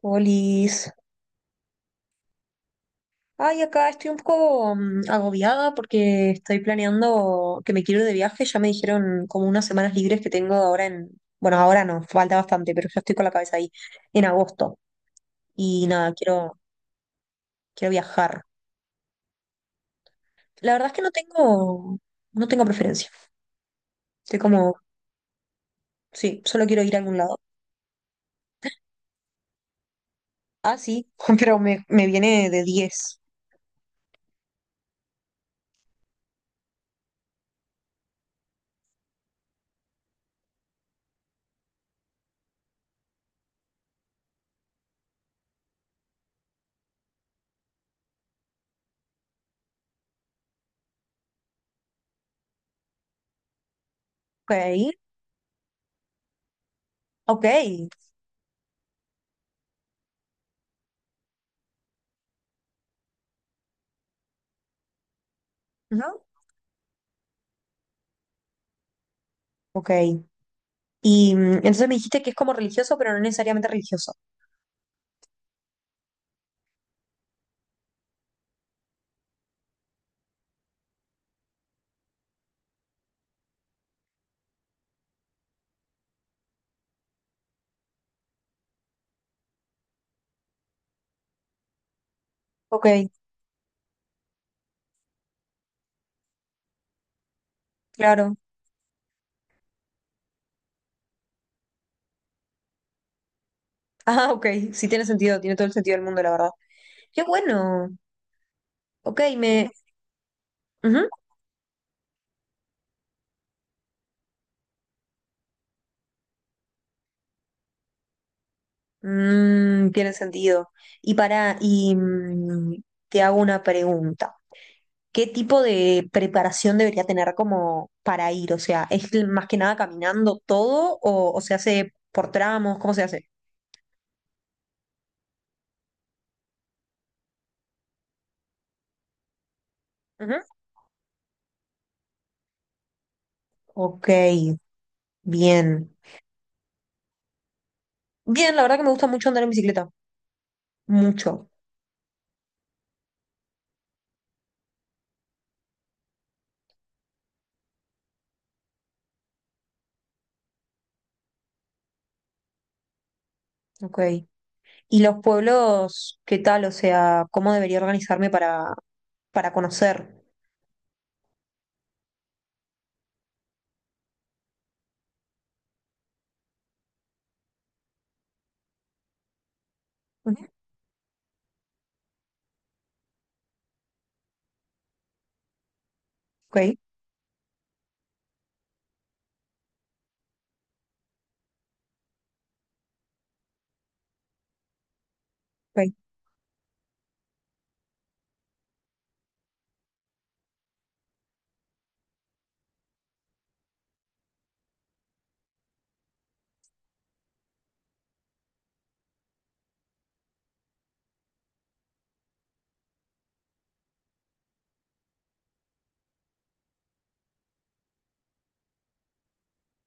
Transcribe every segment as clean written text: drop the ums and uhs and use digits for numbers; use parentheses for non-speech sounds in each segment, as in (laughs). Polis. Ay, acá estoy un poco agobiada porque estoy planeando que me quiero ir de viaje. Ya me dijeron como unas semanas libres que tengo ahora en... Bueno, ahora no, falta bastante, pero ya estoy con la cabeza ahí en agosto. Y nada, quiero viajar. La verdad es que no tengo preferencia. Estoy como, sí, solo quiero ir a algún lado. Ah, sí, (laughs) pero me viene de diez. Ok, ok, ¿no? Ok. Y entonces me dijiste que es como religioso, pero no necesariamente religioso. Ok. Claro. Ah, ok. Sí tiene sentido, tiene todo el sentido del mundo, la verdad. Qué bueno. Ok, me... Ujú. Mm, tiene sentido. Y te hago una pregunta. ¿Qué tipo de preparación debería tener como para ir? O sea, ¿es más que nada caminando todo o se hace por tramos? ¿Cómo se hace? Ujú. Ok, bien. Bien, la verdad que me gusta mucho andar en bicicleta. Mucho. Ok. ¿Y los pueblos, qué tal? O sea, ¿cómo debería organizarme para conocer? Ujú. Ok, ok,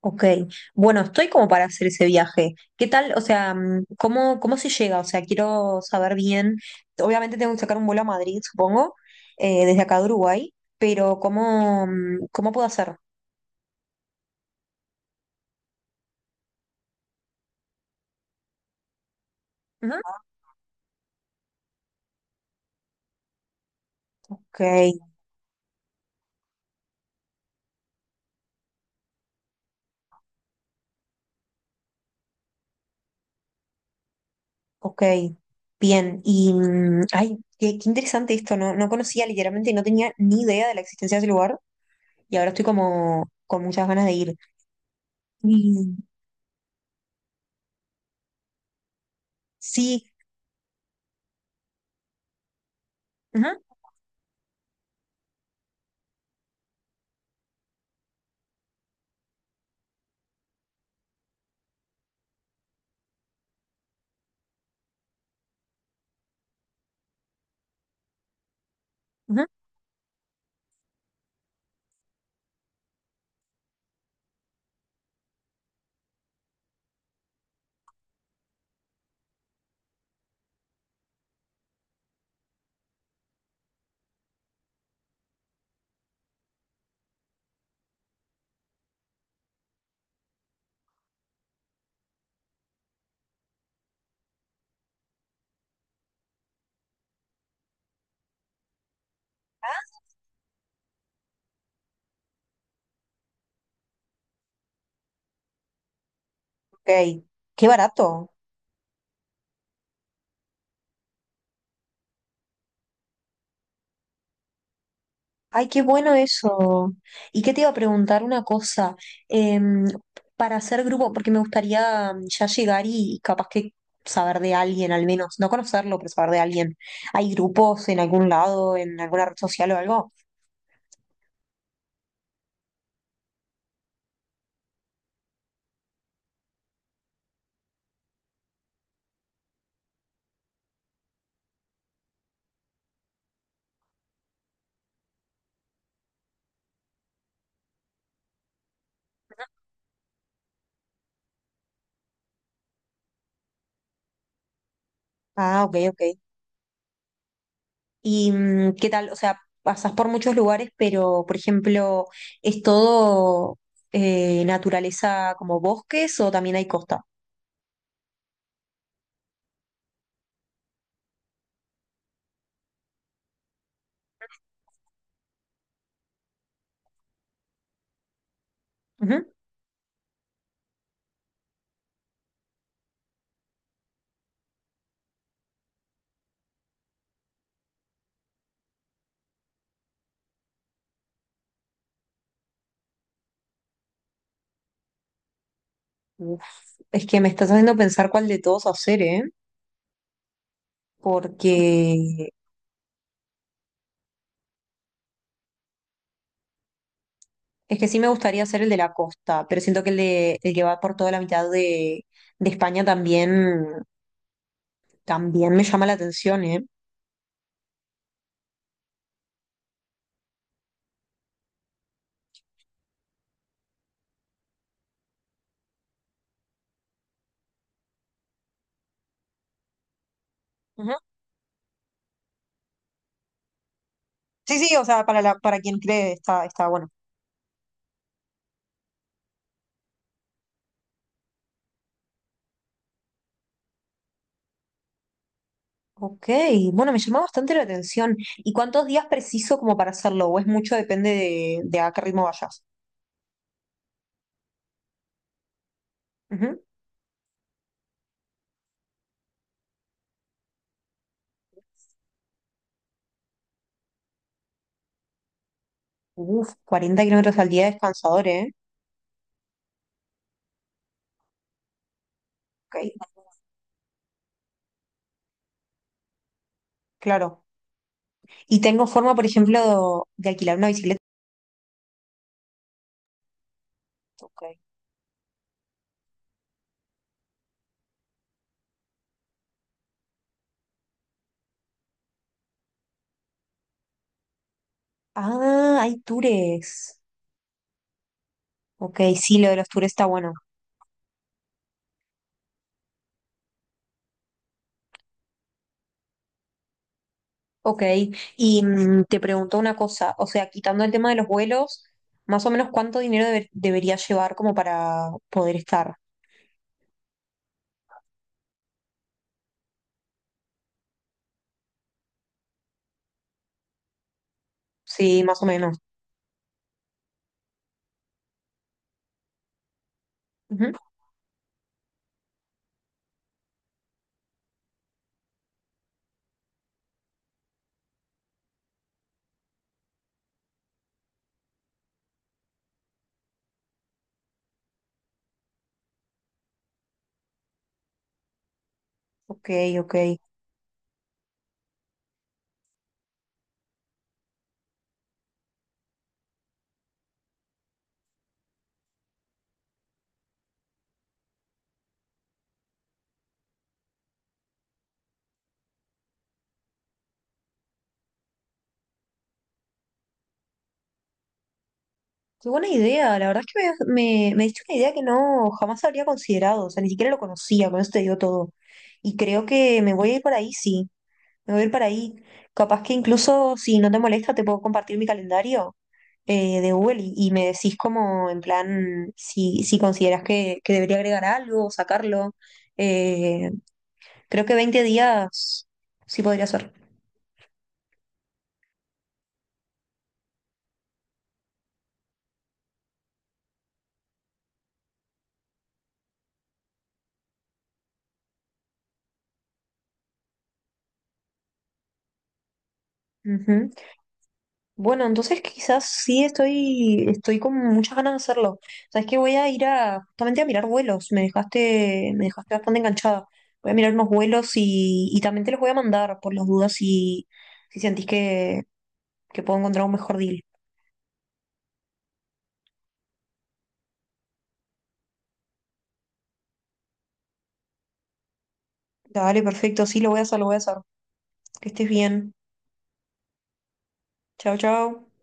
ok. Bueno, estoy como para hacer ese viaje. ¿Qué tal? O sea, ¿cómo, cómo se llega? O sea, quiero saber bien. Obviamente tengo que sacar un vuelo a Madrid, supongo, desde acá de Uruguay, pero ¿cómo, cómo puedo hacer? Ujú. Ok, ok. Bien, y ay, qué, qué interesante esto, no, no conocía literalmente, no tenía ni idea de la existencia de ese lugar. Y ahora estoy como con muchas ganas de ir. Y sí, ajá, ajá, ok, qué barato. Ay, qué bueno eso. ¿Y qué te iba a preguntar una cosa? Em, para hacer grupo, porque me gustaría ya llegar y capaz que saber de alguien al menos, no conocerlo, pero saber de alguien. ¿Hay grupos en algún lado, en alguna red social o algo? Ah, ok, ok. ¿Y qué tal? O sea, pasas por muchos lugares, pero, por ejemplo, ¿es todo naturaleza como bosques o también hay costa? Ujú. Uf, es que me estás haciendo pensar cuál de todos hacer, ¿eh? Porque es que sí me gustaría hacer el de la costa, pero siento que el de el que va por toda la mitad de España también, también me llama la atención, ¿eh? Ujú. Sí, sí, o sea, para la, para quien cree está, está bueno. Ok, bueno, me llamó bastante la atención. ¿Y cuántos días preciso como para hacerlo? ¿O es mucho? Depende de a qué ritmo vayas. Ujú. Uf, 40 kilómetros al día es cansador, ¿eh? Ok, claro. ¿Y tengo forma, por ejemplo, de alquilar una bicicleta? Ok. Ah, hay tours. Ok, sí, lo de los tours está bueno. Ok, y te pregunto una cosa, o sea, quitando el tema de los vuelos, más o menos cuánto dinero deber- debería llevar como para poder estar. Sí, más o menos. Ujú. Ok, ok. Qué buena idea, la verdad es que me diste una idea que no jamás habría considerado, o sea, ni siquiera lo conocía, con eso te digo todo. Y creo que me voy a ir para ahí, sí, me voy a ir para ahí. Capaz que incluso si no te molesta, te puedo compartir mi calendario de Google y me decís como en plan si consideras que debería agregar algo, o sacarlo. Eh, creo que 20 días sí podría ser. Ujú. Bueno, entonces quizás sí estoy con muchas ganas de hacerlo. Sabes que voy a ir a, justamente a mirar vuelos. Me dejaste bastante enganchada. Voy a mirar unos vuelos y también te los voy a mandar por las dudas si sentís que puedo encontrar un mejor deal. Dale, perfecto, sí, lo voy a hacer, lo voy a hacer. Que estés bien. Chao, chao.